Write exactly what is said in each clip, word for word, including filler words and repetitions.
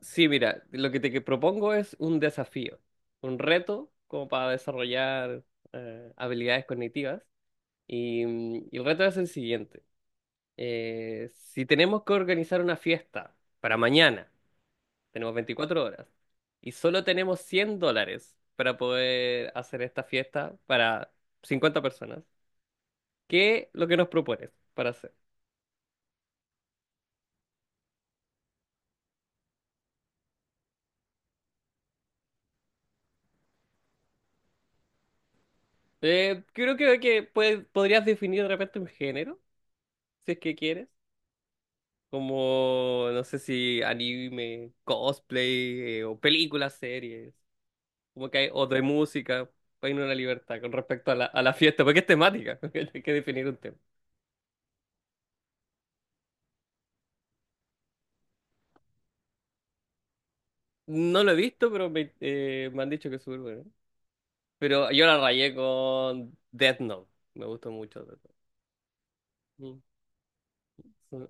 Sí, mira, lo que te que propongo es un desafío, un reto como para desarrollar eh, habilidades cognitivas. Y, mm, y el reto es el siguiente. Eh, si tenemos que organizar una fiesta para mañana, tenemos veinticuatro horas, y solo tenemos cien dólares para poder hacer esta fiesta para cincuenta personas, ¿qué es lo que nos propones para hacer? Eh, creo que, que puede- podrías definir de repente un género, si es que quieres. Como no sé, si anime, cosplay eh, o películas, series, como que hay, o de música, hay una libertad con respecto a la, a la fiesta, porque es temática, porque hay que definir un tema. No lo he visto, pero me, eh, me han dicho que es súper bueno. Pero yo la rayé con Death Note, me gustó mucho Death Note. Mm.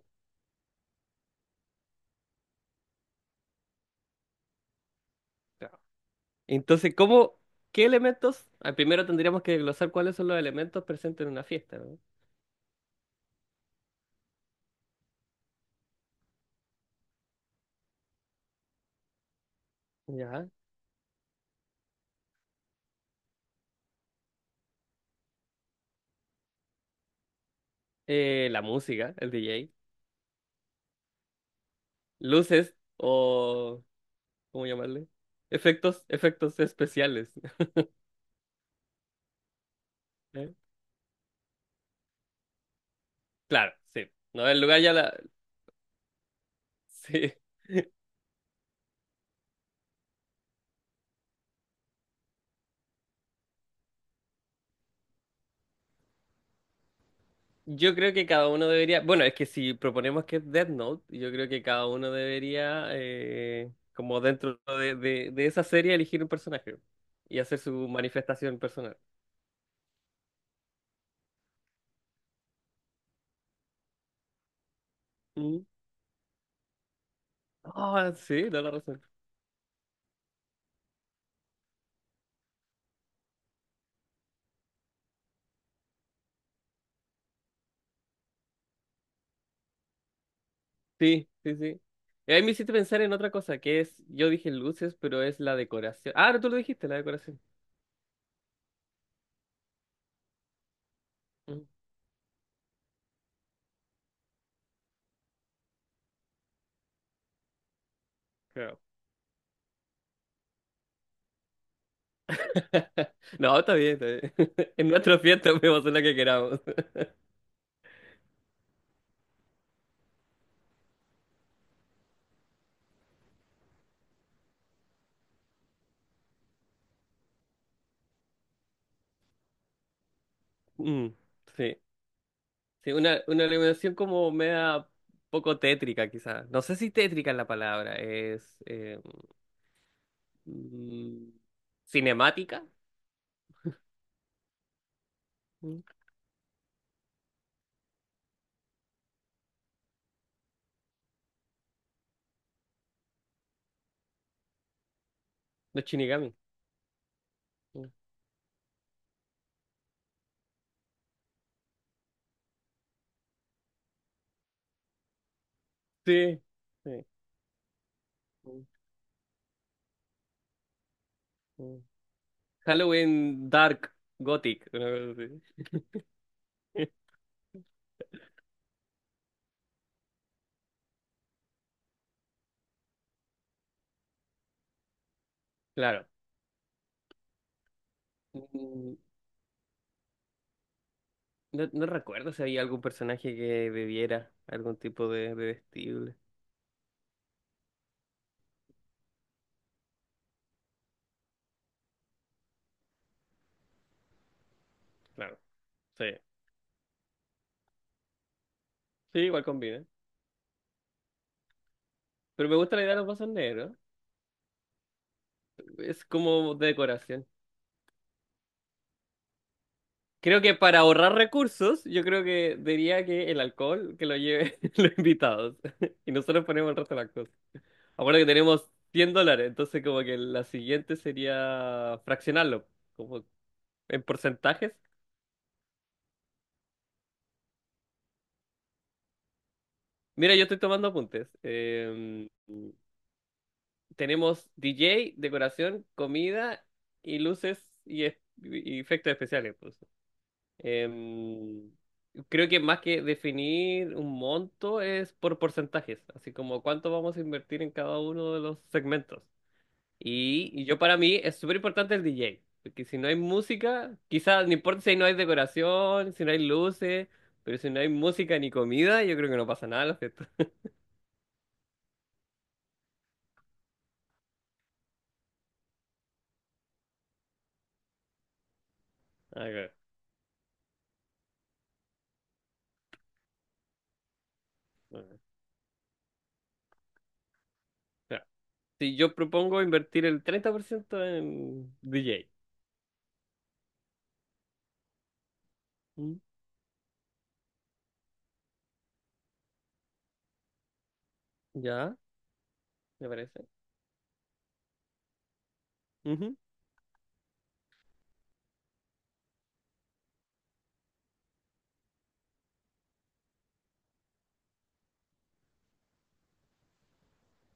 Claro. Entonces, ¿cómo, qué elementos? Ah, primero tendríamos que desglosar cuáles son los elementos presentes en una fiesta, ¿no? Ya. Eh, la música, el D J. Luces o, ¿cómo llamarle? Efectos, efectos especiales. ¿Eh? Claro, sí. No, el lugar ya la... Sí. Yo creo que cada uno debería... Bueno, es que si proponemos que es Death Note, yo creo que cada uno debería, eh, como dentro de, de, de esa serie, elegir un personaje y hacer su manifestación personal. Mm. Ah, sí, da la razón. Sí, sí, sí. Y ahí me hiciste pensar en otra cosa, que es, yo dije luces, pero es la decoración. Ah, no, tú lo dijiste, la decoración. Mm. Claro. No, está bien, está bien. En nuestra fiesta podemos hacer la que queramos. Mm, sí. Sí, una, una iluminación como media poco tétrica, quizás. No sé si tétrica es la palabra, es eh, mm, cinemática. Mm. Los Shinigami. Mm. Sí, sí. Mm, mm. Halloween Dark Gothic, una cosa así. Claro. Mm, no, no recuerdo si había algún personaje que bebiera algún tipo de, de vestible. Claro. Sí. Sí, igual combina. Pero me gusta la idea de los vasos negros. Es como de decoración. Creo que para ahorrar recursos, yo creo que diría que el alcohol que lo lleve los invitados. Y nosotros ponemos el resto de las cosas. Acuérdate que tenemos cien dólares, entonces como que la siguiente sería fraccionarlo, como en porcentajes. Mira, yo estoy tomando apuntes. Em, tenemos D J, decoración, comida y luces y, es- y efectos especiales, pues. Em, creo que más que definir un monto es por porcentajes, así como cuánto vamos a invertir en cada uno de los segmentos. Y, y yo para mí es súper importante el D J, porque si no hay música, quizás no importa si no hay decoración, si no hay luces, pero si no hay música ni comida, yo creo que no pasa nada en la fiesta. Ajá, ajá. O sea, si yo propongo invertir el treinta por ciento en D J. ¿Mm? ¿Ya? ¿Me parece?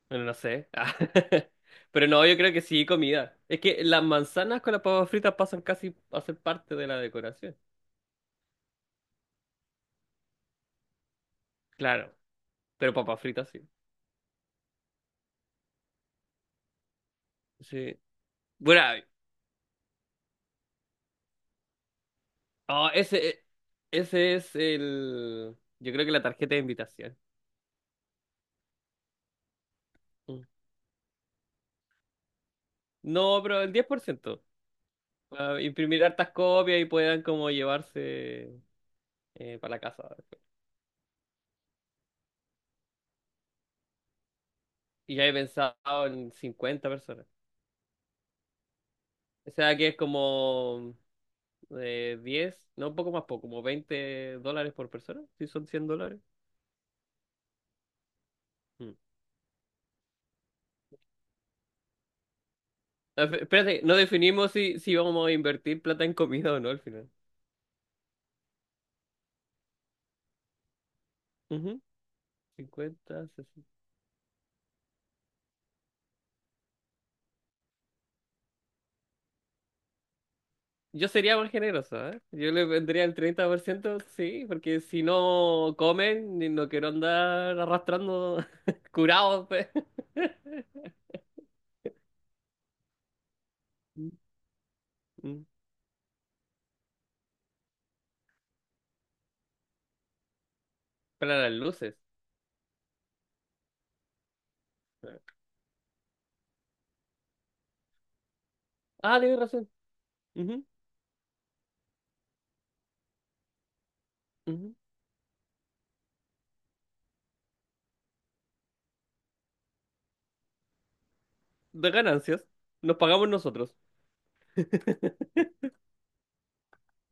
Bueno, no sé. Pero no, yo creo que sí, comida. Es que las manzanas con las papas fritas pasan casi a ser parte de la decoración. Claro, pero papas fritas sí. Sí. Bueno, ay, oh, ese, e, ese es el... Yo creo que la tarjeta de invitación. Mm. No, pero el diez por ciento. Para imprimir hartas copias y puedan como llevarse eh, para la casa después. Y ya he pensado en cincuenta personas. O sea que es como... eh, diez no, un poco más poco, como veinte dólares por persona, si son cien dólares. Mm. Ah, fe- Espérate, no definimos si, si vamos a invertir plata en comida o no al final. Ujú. cincuenta, sesenta. Yo sería más generoso, ¿eh? Yo le vendría el treinta por ciento sí, porque si no comen, ni no quiero andar arrastrando curados. Pe. Mm, mm. Para las luces. Ah, tienes razón. Ujú, ujú. De ganancias. Nos pagamos nosotros.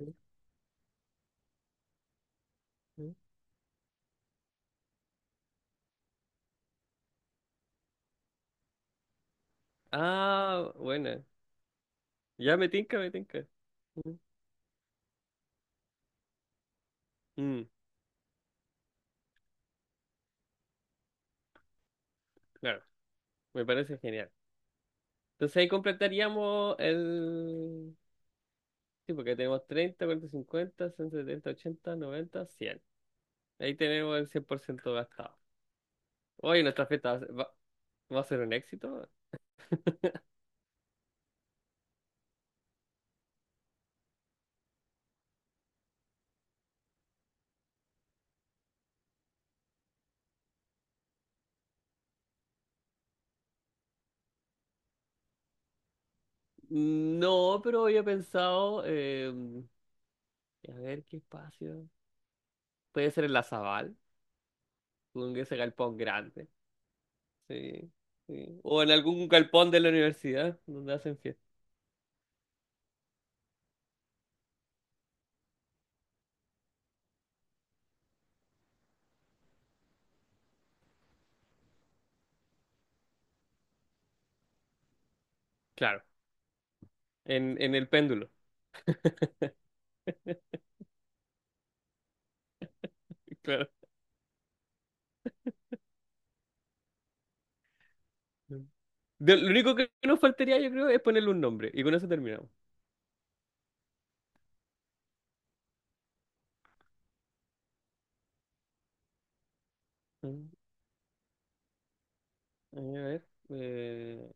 Ah, buena. Ya me tinca, me tinca. Mm, mm, claro, me parece genial. Entonces ahí completaríamos el... Sí, porque tenemos treinta, cuarenta, cincuenta, sesenta, setenta, ochenta, noventa, cien. Ahí tenemos el cien por ciento gastado. Hoy nuestra fiesta va, a ser va- va a ser un éxito. No, pero había pensado... eh, a ver qué espacio. Puede ser en la Zabal, con ese galpón grande. Sí, sí. O en algún galpón de la universidad donde hacen fiesta. Claro. en, en el péndulo, claro. De- lo único que nos faltaría, yo creo, es ponerle un nombre. Y con eso terminamos. Mm. A ver. eh,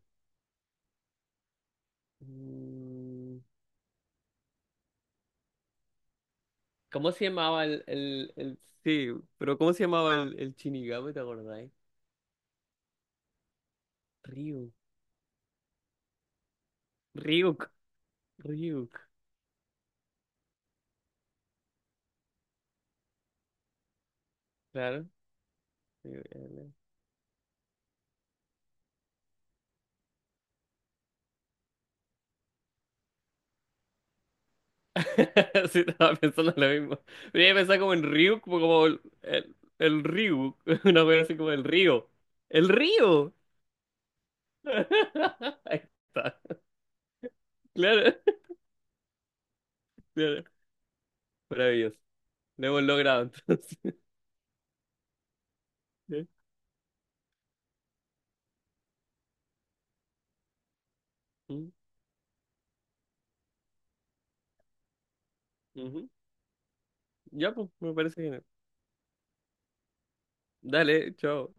mm, ¿Cómo se llamaba el, el, el- sí, pero ¿cómo se llamaba el, el Shinigami? ¿Te acordáis? Ryuk. Ryuk. Ryuk. Claro. Ryuk, eh. Sí, estaba pensando lo mismo. Pero yo pensaba como en Ryuk, pues como el, el, el Ryuk. Una cosa así como el río. ¡El río! Ahí está. Claro. Claro, maravilloso. Lo hemos logrado entonces. Sí. Mm, ujú. Ya, pues, me parece genial. Dale, chao.